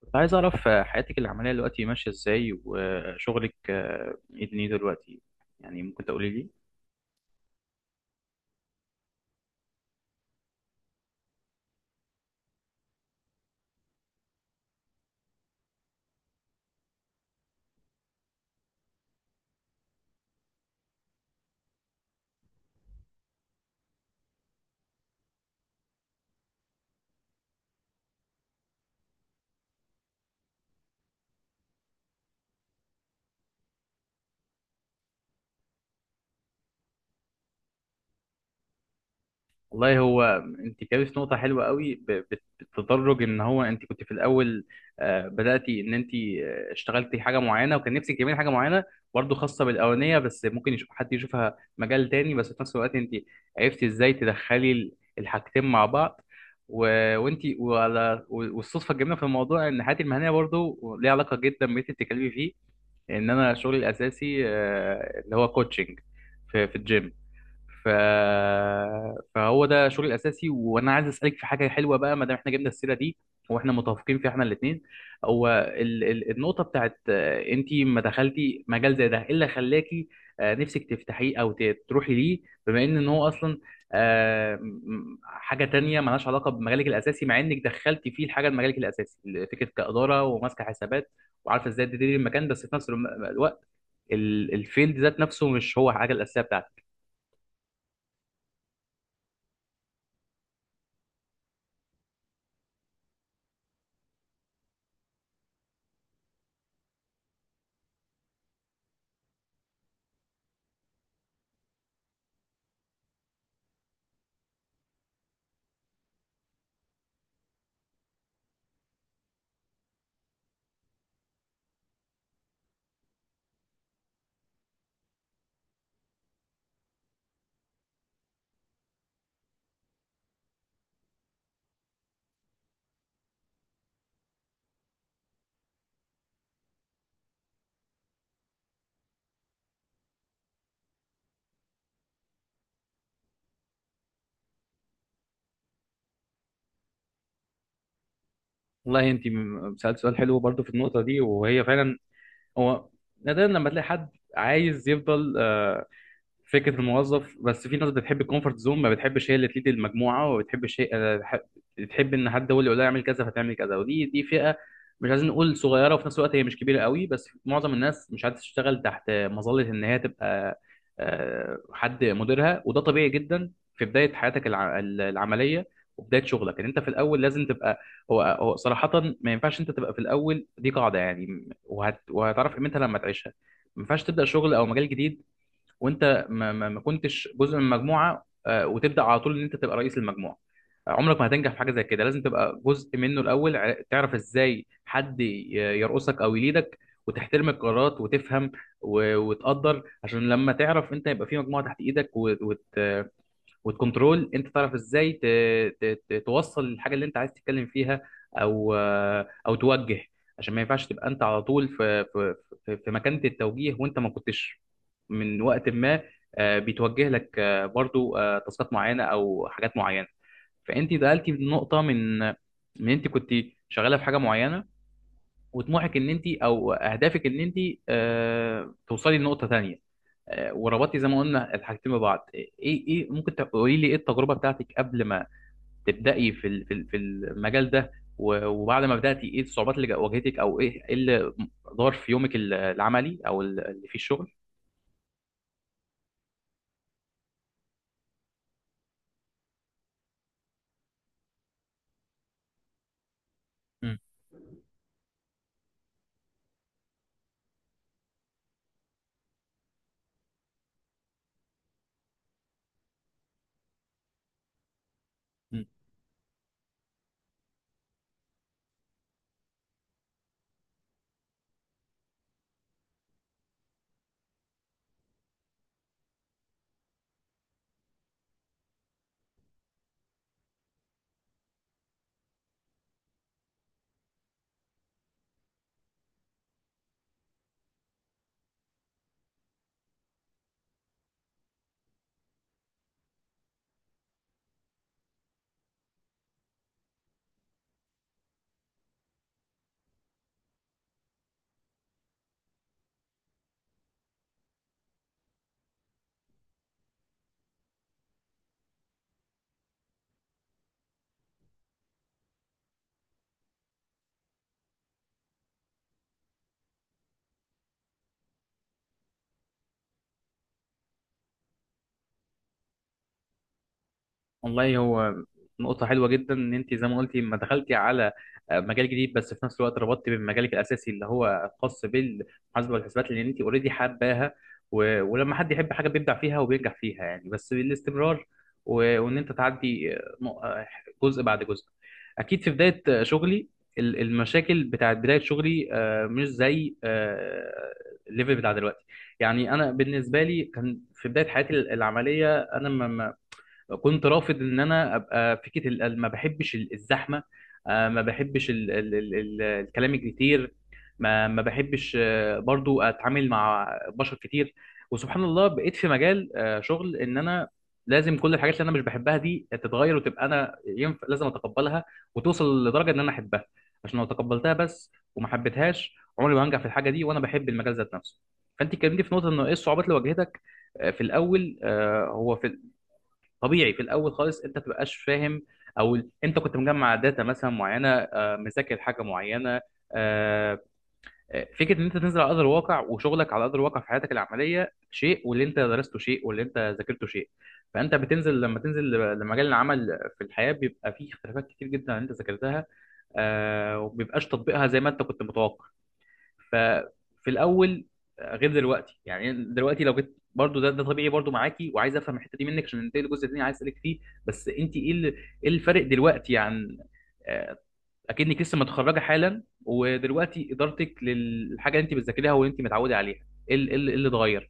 كنت عايز أعرف حياتك العملية دلوقتي ماشية إزاي، وشغلك إيه دنيته دلوقتي؟ يعني ممكن تقولي لي؟ والله هو، أنت كابت نقطة حلوة قوي بالتدرج، إن هو أنت كنت في الأول بدأتي إن أنت اشتغلتي حاجة معينة وكان نفسك تعملي حاجة معينة برضه خاصة بالأولانية، بس ممكن يشوف حد يشوفها مجال تاني، بس في نفس الوقت أنت عرفتي إزاي تدخلي الحاجتين مع بعض. و- وانتي وعلى والصدفه الجميله في الموضوع ان حياتي المهنيه برضو ليها علاقه جدا باللي انت بتتكلمي فيه، ان انا شغلي الاساسي اللي هو كوتشنج في الجيم. ف... فهو ده شغلي الاساسي، وانا عايز اسالك في حاجه حلوه بقى ما دام احنا جبنا السيره دي واحنا متفقين فيها احنا الاثنين. هو النقطه بتاعت انت ما دخلتي مجال زي ده، ايه اللي خلاكي نفسك تفتحيه او تروحي ليه؟ بما إن هو اصلا حاجه تانية مالهاش علاقه بمجالك الاساسي، مع انك دخلتي فيه الحاجه لمجالك الاساسي، فكره كاداره وماسكه حسابات، وعارفه ازاي تديري المكان، بس في نفس الوقت الفيلد ذات نفسه مش هو حاجه الاساسيه بتاعتك. والله انت سألت سؤال حلو برضو في النقطة دي، وهي فعلا هو نادرا لما تلاقي حد عايز يفضل فكره الموظف، بس في ناس بتحب الكومفورت زون، ما بتحبش هي اللي تليد المجموعه، وما بتحبش هي بتحب ان حد هو اللي يقول لها اعمل كذا فتعمل كذا، ودي فئه مش عايزين نقول صغيره، وفي نفس الوقت هي مش كبيره قوي، بس معظم الناس مش عايزه تشتغل تحت مظله ان هي تبقى حد مديرها، وده طبيعي جدا. في بدايه حياتك العمليه وبدايه شغلك، ان انت في الاول لازم تبقى هو صراحه ما ينفعش انت تبقى في الاول، دي قاعده يعني، وهتعرف قيمتها لما تعيشها. ما ينفعش تبدا شغل او مجال جديد وانت ما كنتش جزء من مجموعه، وتبدا على طول ان انت تبقى رئيس المجموعه. عمرك ما هتنجح في حاجه زي كده، لازم تبقى جزء منه الاول، تعرف ازاي حد يرقصك او يليدك، وتحترم القرارات وتفهم وتقدر، عشان لما تعرف انت يبقى في مجموعه تحت ايدك و- وت والكنترول، انت تعرف ازاي توصل الحاجه اللي انت عايز تتكلم فيها، او او توجه. عشان ما ينفعش تبقى انت على طول في مكانه التوجيه، وانت ما كنتش من وقت ما بيتوجه لك برضو تاسكات معينه او حاجات معينه. فانت دخلتي في نقطه من انت كنت شغاله في حاجه معينه، وطموحك ان انت، او اهدافك ان انت توصلي لنقطه تانية، وربطتي زي ما قلنا الحاجتين ببعض. ايه ايه إيه، ممكن تقولي لي ايه التجربه بتاعتك قبل ما تبداي في المجال ده، وبعد ما بداتي ايه الصعوبات اللي واجهتك، او إيه اللي دار في يومك العملي او اللي فيه الشغل؟ مم. والله هو نقطة حلوة جدا، إن أنت زي ما قلتي ما دخلتي على مجال جديد، بس في نفس الوقت ربطتي بمجالك الأساسي اللي هو خاص بالمحاسبة والحسابات، لأن أنت أوريدي حباها، ولما حد يحب حاجة بيبدع فيها وبينجح فيها يعني بس بالاستمرار، و... وإن أنت تعدي جزء بعد جزء. أكيد في بداية شغلي المشاكل بتاعت بداية شغلي مش زي الليفل بتاع دلوقتي. يعني أنا بالنسبة لي كان في بداية حياتي العملية أنا كنت رافض ان انا ابقى فكره ما بحبش الزحمه، ما بحبش ال الكلام الكتير، ما بحبش برضو اتعامل مع بشر كتير. وسبحان الله بقيت في مجال شغل ان انا لازم كل الحاجات اللي انا مش بحبها دي تتغير، وتبقى انا ينفع لازم اتقبلها وتوصل لدرجه ان انا احبها، عشان لو تقبلتها بس وما حبيتهاش عمري ما هنجح في الحاجه دي، وانا بحب المجال ذات نفسه. فانت اتكلمتي في نقطه انه ايه الصعوبات اللي واجهتك في الاول. آه، هو في طبيعي في الاول خالص انت متبقاش فاهم، او انت كنت مجمع داتا مثلا معينه، مذاكر حاجه معينه، آه، فكره ان انت تنزل على ارض الواقع، وشغلك على ارض الواقع في حياتك العمليه شيء، واللي انت درسته شيء، واللي انت ذاكرته شيء. فانت بتنزل لما تنزل لمجال العمل في الحياه بيبقى فيه اختلافات كتير جدا عن اللي انت ذاكرتها، ومبيبقاش تطبيقها زي ما انت كنت متوقع. ففي الاول غير دلوقتي، يعني دلوقتي لو جيت برضو ده طبيعي برضو معاكي، وعايز افهم الحته دي منك عشان ننتقل للجزء الثاني عايز اسالك فيه. بس انت ايه الفرق دلوقتي عن آه، اكنك لسه متخرجه حالا، ودلوقتي ادارتك للحاجه اللي انت بتذاكريها واللي انت متعوده عليها، إيه اللي اتغير؟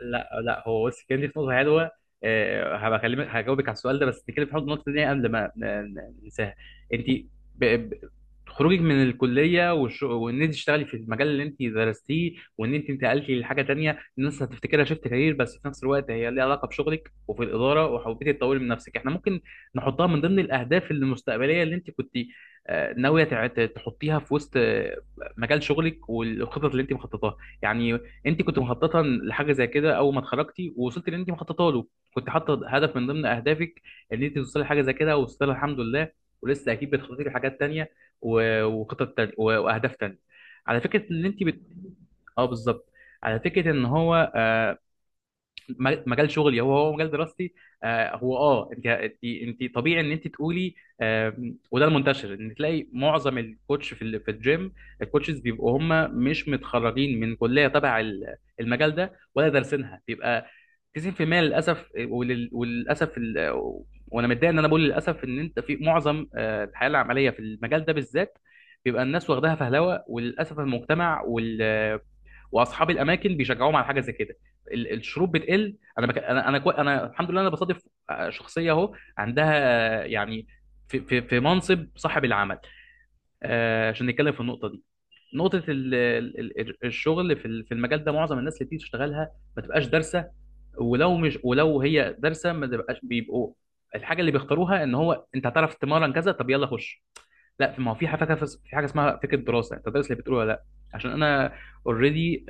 لا، لا، هو بص كان دي في نقطه حلوه، هبقى اكلمك هجاوبك على السؤال ده، بس نتكلم في حوض النقطه دي قبل ما ننساها. انت ب... ب... خروجك من الكليه وان انت تشتغلي في المجال اللي انت درستيه، وان انت انتقلتي لحاجه تانية، الناس هتفتكرها شيفت كارير، بس في نفس الوقت هي ليها علاقه بشغلك وفي الاداره، وحبيتي تطوري من نفسك، احنا ممكن نحطها من ضمن الاهداف المستقبليه اللي انت كنت ناويه تحطيها في وسط مجال شغلك والخطط اللي انت مخططاها. يعني انت كنت مخططه لحاجه زي كده اول ما اتخرجتي، ووصلت اللي انت مخططه له، كنت حاطه هدف من ضمن اهدافك ان انت توصلي لحاجه زي كده، ووصلت لها الحمد لله، ولسه اكيد بتخططي لحاجات تانيه وخطط تانية واهداف تانيه، على فكره ان انت. اه، بالظبط. على فكره ان هو مجال شغلي هو مجال دراستي، آه، هو اه انت انت انت طبيعي ان انت تقولي، وده المنتشر ان تلاقي معظم الكوتش في في الجيم، الكوتشز بيبقوا هم مش متخرجين من كليه تبع المجال ده ولا دارسينها، بيبقى 90% للاسف، وللاسف وانا متضايق ان انا بقول للاسف، ان انت في معظم الحياه العمليه في المجال ده بالذات بيبقى الناس واخداها فهلوه، وللاسف المجتمع واصحاب الاماكن بيشجعوهم على حاجه زي كده. الشروط بتقل، انا الحمد لله انا بصادف شخصيه اهو عندها يعني في منصب صاحب العمل، عشان نتكلم في النقطه دي. نقطه الشغل في المجال ده، معظم الناس اللي بتيجي تشتغلها ما تبقاش دارسه، ولو هي دارسه ما تبقاش، بيبقوا الحاجه اللي بيختاروها ان هو انت هتعرف تمرن كذا، طب يلا خش. لا ما هو في حاجه اسمها فكره دراسه، انت دارس اللي بتقوله ولا لا. عشان انا اوريدي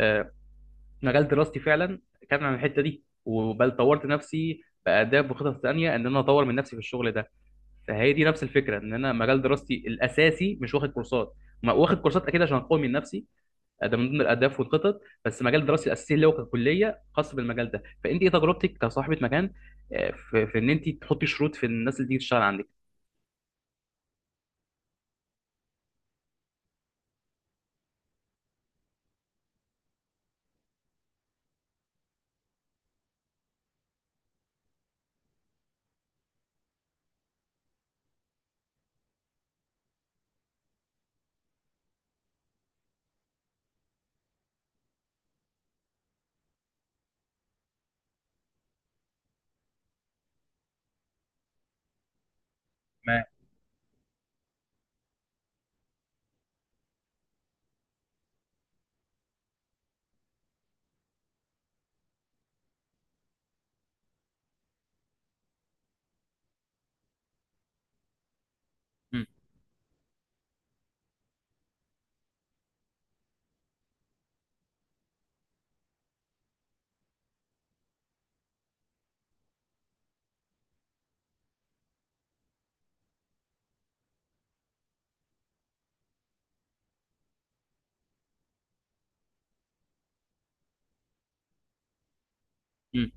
مجال دراستي فعلا كان عن الحته دي، وبل طورت نفسي باداب وخطط ثانيه ان انا اطور من نفسي في الشغل ده. فهي دي نفس الفكره، ان انا مجال دراستي الاساسي مش واخد كورسات، ما واخد كورسات اكيد عشان اقوي من نفسي، ده من ضمن الاهداف والخطط، بس مجال دراستي الاساسي اللي هو ككليه خاص بالمجال ده. فانت ايه تجربتك كصاحبه مكان، في ان انت تحطي شروط في الناس اللي تيجي تشتغل عندك؟ ما م- م-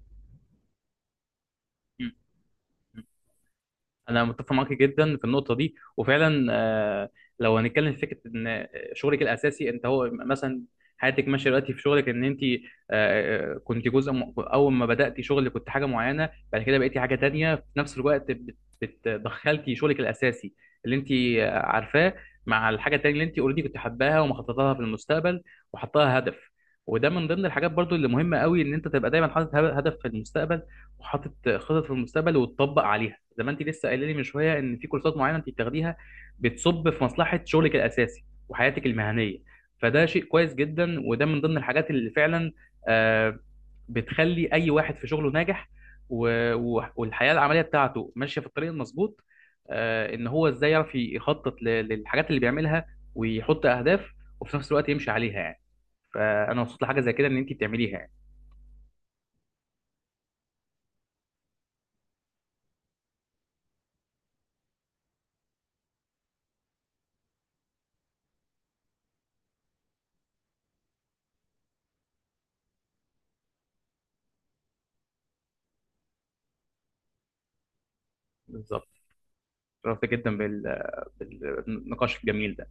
م- انا متفق معاك جدا في النقطه دي وفعلا، لو هنتكلم في فكره ان شغلك الاساسي انت هو مثلا حياتك ماشيه دلوقتي في شغلك، ان انت كنت جزء اول ما بداتي شغل كنت حاجه معينه، بعد كده بقيتي حاجه تانية، في نفس الوقت بتدخلتي شغلك الاساسي اللي انت عارفاه، مع الحاجه التانية اللي انت اوريدي كنت حباها ومخططه لها في المستقبل وحطاها هدف. وده من ضمن الحاجات برضو اللي مهمه قوي، ان انت تبقى دايما حاطط هدف في المستقبل وحاطط خطط في المستقبل، وتطبق عليها زي ما انت لسه قايله لي من شويه، ان في كورسات معينه انت بتاخديها بتصب في مصلحه شغلك الاساسي وحياتك المهنيه. فده شيء كويس جدا، وده من ضمن الحاجات اللي فعلا آه، بتخلي اي واحد في شغله ناجح، والحياه العمليه بتاعته ماشيه في الطريق المظبوط، ان هو ازاي يعرف يخطط للحاجات اللي بيعملها، ويحط اهداف، وفي نفس الوقت يمشي عليها يعني. فانا مبسوط لحاجه زي كده ان انت بتعمليها يعني. بالظبط. شرفت جدا بالنقاش الجميل ده.